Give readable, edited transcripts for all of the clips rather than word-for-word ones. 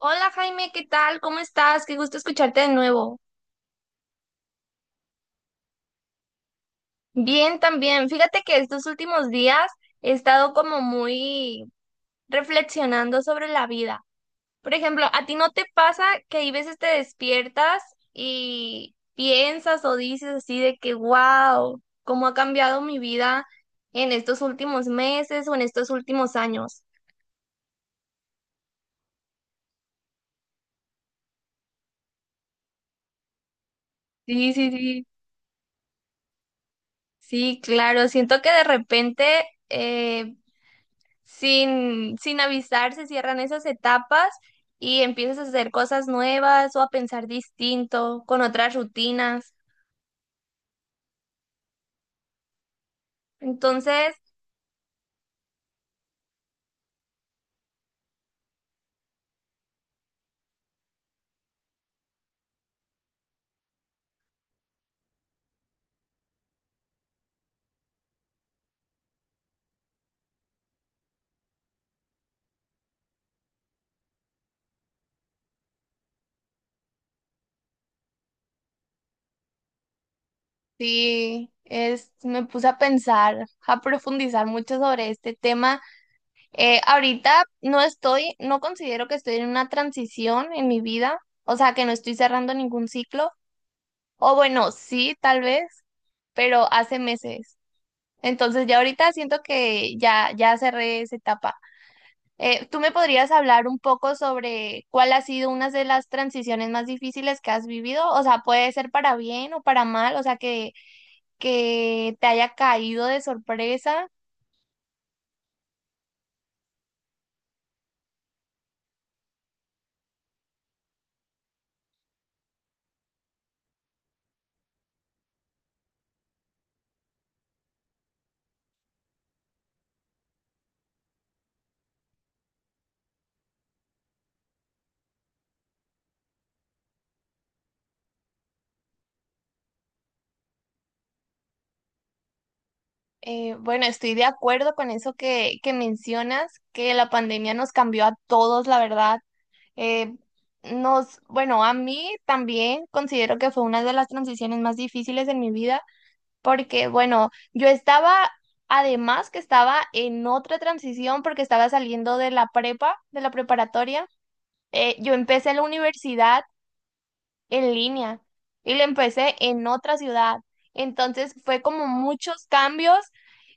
Hola Jaime, ¿qué tal? ¿Cómo estás? Qué gusto escucharte de nuevo. Bien, también. Fíjate que estos últimos días he estado como muy reflexionando sobre la vida. Por ejemplo, ¿a ti no te pasa que hay veces te despiertas y piensas o dices así de que, wow, cómo ha cambiado mi vida en estos últimos meses o en estos últimos años? Sí, sí, sí. Sí, claro. Siento que de repente... eh, sin avisar, se cierran esas etapas y empiezas a hacer cosas nuevas o a pensar distinto, con otras rutinas. Entonces, sí, es, me puse a pensar, a profundizar mucho sobre este tema. Ahorita no estoy, no considero que estoy en una transición en mi vida, o sea, que no estoy cerrando ningún ciclo, o bueno, sí, tal vez, pero hace meses. Entonces ya ahorita siento que ya, ya cerré esa etapa. ¿Tú me podrías hablar un poco sobre cuál ha sido una de las transiciones más difíciles que has vivido? O sea, puede ser para bien o para mal, o sea, que te haya caído de sorpresa. Bueno, estoy de acuerdo con eso que mencionas, que la pandemia nos cambió a todos, la verdad. Eh, nos, bueno, a mí también considero que fue una de las transiciones más difíciles en mi vida porque bueno, yo estaba, además que estaba en otra transición porque estaba saliendo de la prepa, de la preparatoria, yo empecé la universidad en línea y la empecé en otra ciudad. Entonces fue como muchos cambios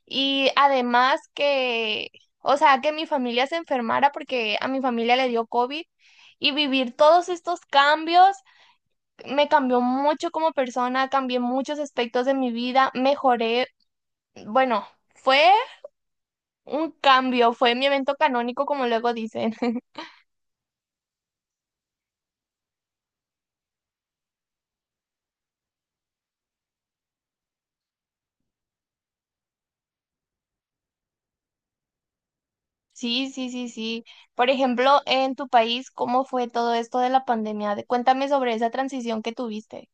y además que, o sea, que mi familia se enfermara porque a mi familia le dio COVID y vivir todos estos cambios me cambió mucho como persona, cambié muchos aspectos de mi vida, mejoré bueno, fue un cambio, fue mi evento canónico, como luego dicen. Sí, sí, sí, sí. Por ejemplo, en tu país, ¿cómo fue todo esto de la pandemia? De- Cuéntame sobre esa transición que tuviste.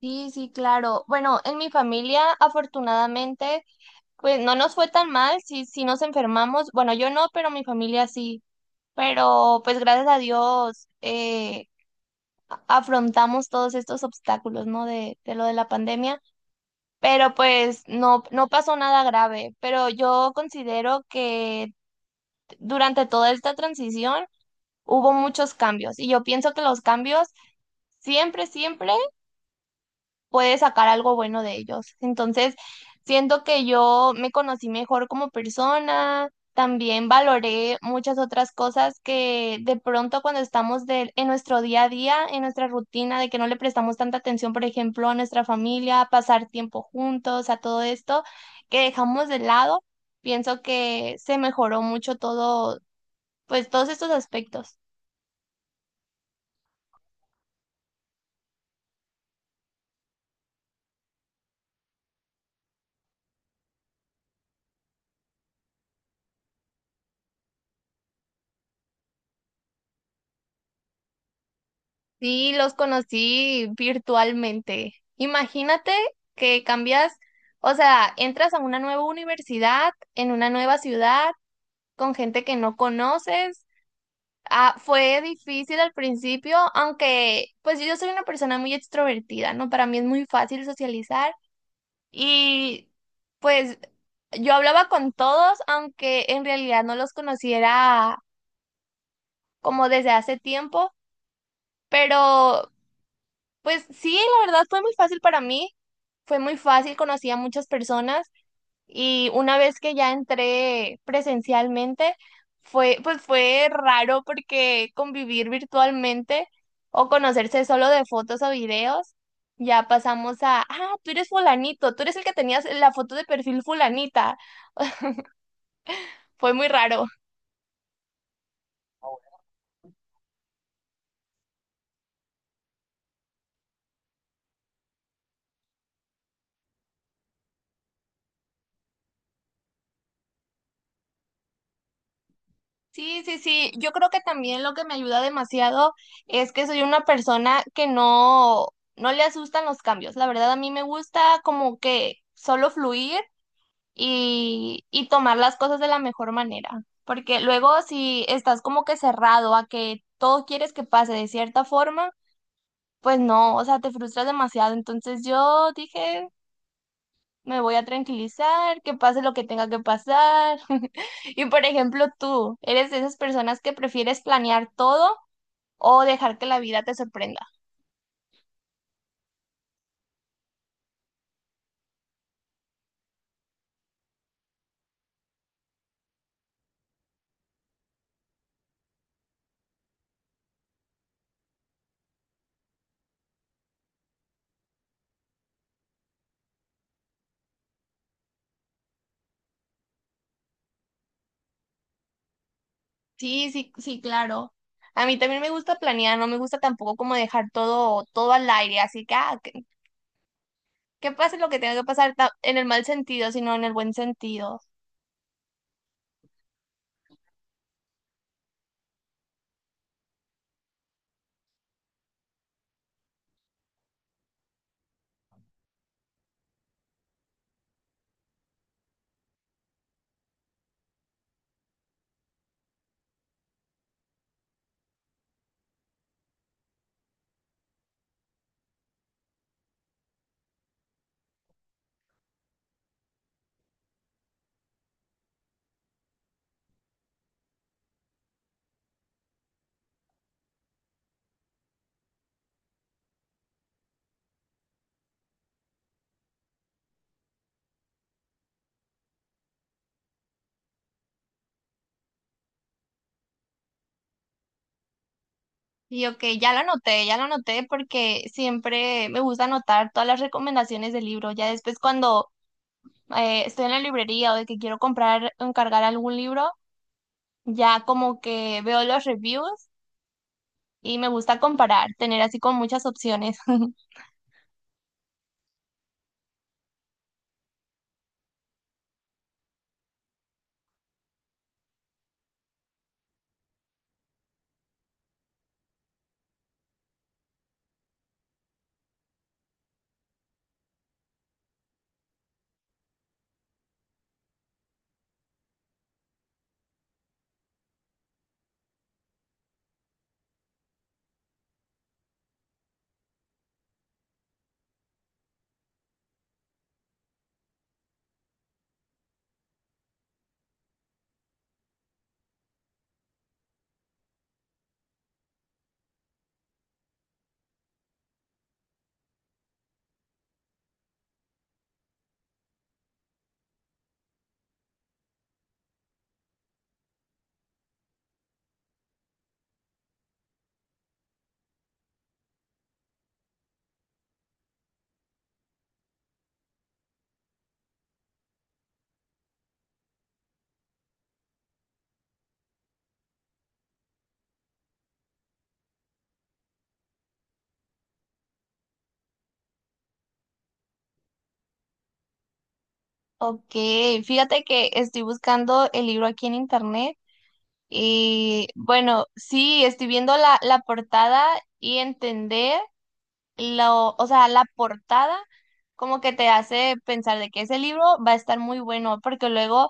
Sí, sí, claro. Bueno, en mi familia, afortunadamente, pues no nos fue tan mal, sí, sí nos enfermamos. Bueno, yo no, pero mi familia sí. Pero pues gracias a Dios a- afrontamos todos estos obstáculos, ¿no? De lo de la pandemia. Pero pues no, no pasó nada grave, pero yo considero que durante toda esta transición hubo muchos cambios y yo pienso que los cambios siempre, siempre puedes sacar algo bueno de ellos. Entonces, siento que yo me conocí mejor como persona, también valoré muchas otras cosas que de pronto cuando estamos de- en nuestro día a día, en nuestra rutina, de que no le prestamos tanta atención, por ejemplo, a nuestra familia, a pasar tiempo juntos, a todo esto que dejamos de lado, pienso que se mejoró mucho todo, pues todos estos aspectos. Sí, los conocí virtualmente. Imagínate que cambias, o sea, entras a una nueva universidad, en una nueva ciudad, con gente que no conoces. Ah, fue difícil al principio, aunque pues yo soy una persona muy extrovertida, ¿no? Para mí es muy fácil socializar y pues yo hablaba con todos, aunque en realidad no los conociera como desde hace tiempo, pero... Pues sí, la verdad fue muy fácil para mí, fue muy fácil, conocí a muchas personas y una vez que ya entré presencialmente, fue, pues fue raro porque convivir virtualmente o conocerse solo de fotos o videos, ya pasamos a, ah, tú eres fulanito, tú eres el que tenías la foto de perfil fulanita, fue muy raro. Sí, sí, sí. Yo creo que también lo que me ayuda demasiado es que soy una persona que no, no le asustan los cambios. La verdad, a mí me gusta como que solo fluir y tomar las cosas de la mejor manera. Porque luego si estás como que cerrado a que todo quieres que pase de cierta forma, pues no, o sea, te frustras demasiado. Entonces yo dije, me voy a tranquilizar, que pase lo que tenga que pasar. Y por ejemplo, tú, ¿eres de esas personas que prefieres planear todo o dejar que la vida te sorprenda? Sí, sí, sí, claro. A mí también me gusta planear, no me gusta tampoco como dejar todo, todo al aire, así que, ah, que pase lo que tenga que pasar ta- en el mal sentido, sino en el buen sentido. Y ok, ya lo anoté porque siempre me gusta anotar todas las recomendaciones del libro. Ya después cuando estoy en la librería o de que quiero comprar, encargar algún libro, ya como que veo los reviews y me gusta comparar, tener así con muchas opciones. Ok, fíjate que estoy buscando el libro aquí en internet y bueno, sí, estoy viendo la, la portada y entender lo, o sea, la portada como que te hace pensar de que ese libro va a estar muy bueno, porque luego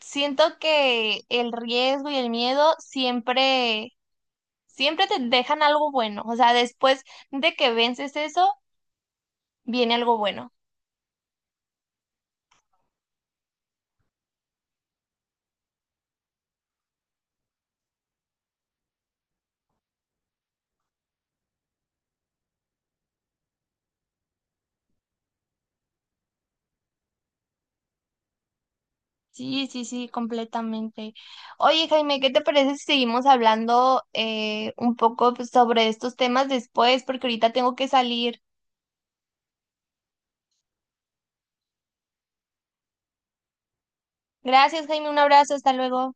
siento que el riesgo y el miedo siempre siempre te dejan algo bueno. O sea, después de que vences eso, viene algo bueno. Sí, sí, sí, completamente. Oye, Jaime, ¿qué te parece si seguimos hablando un poco pues, sobre estos temas después? Porque ahorita tengo que salir. Gracias, Jaime, un abrazo, hasta luego.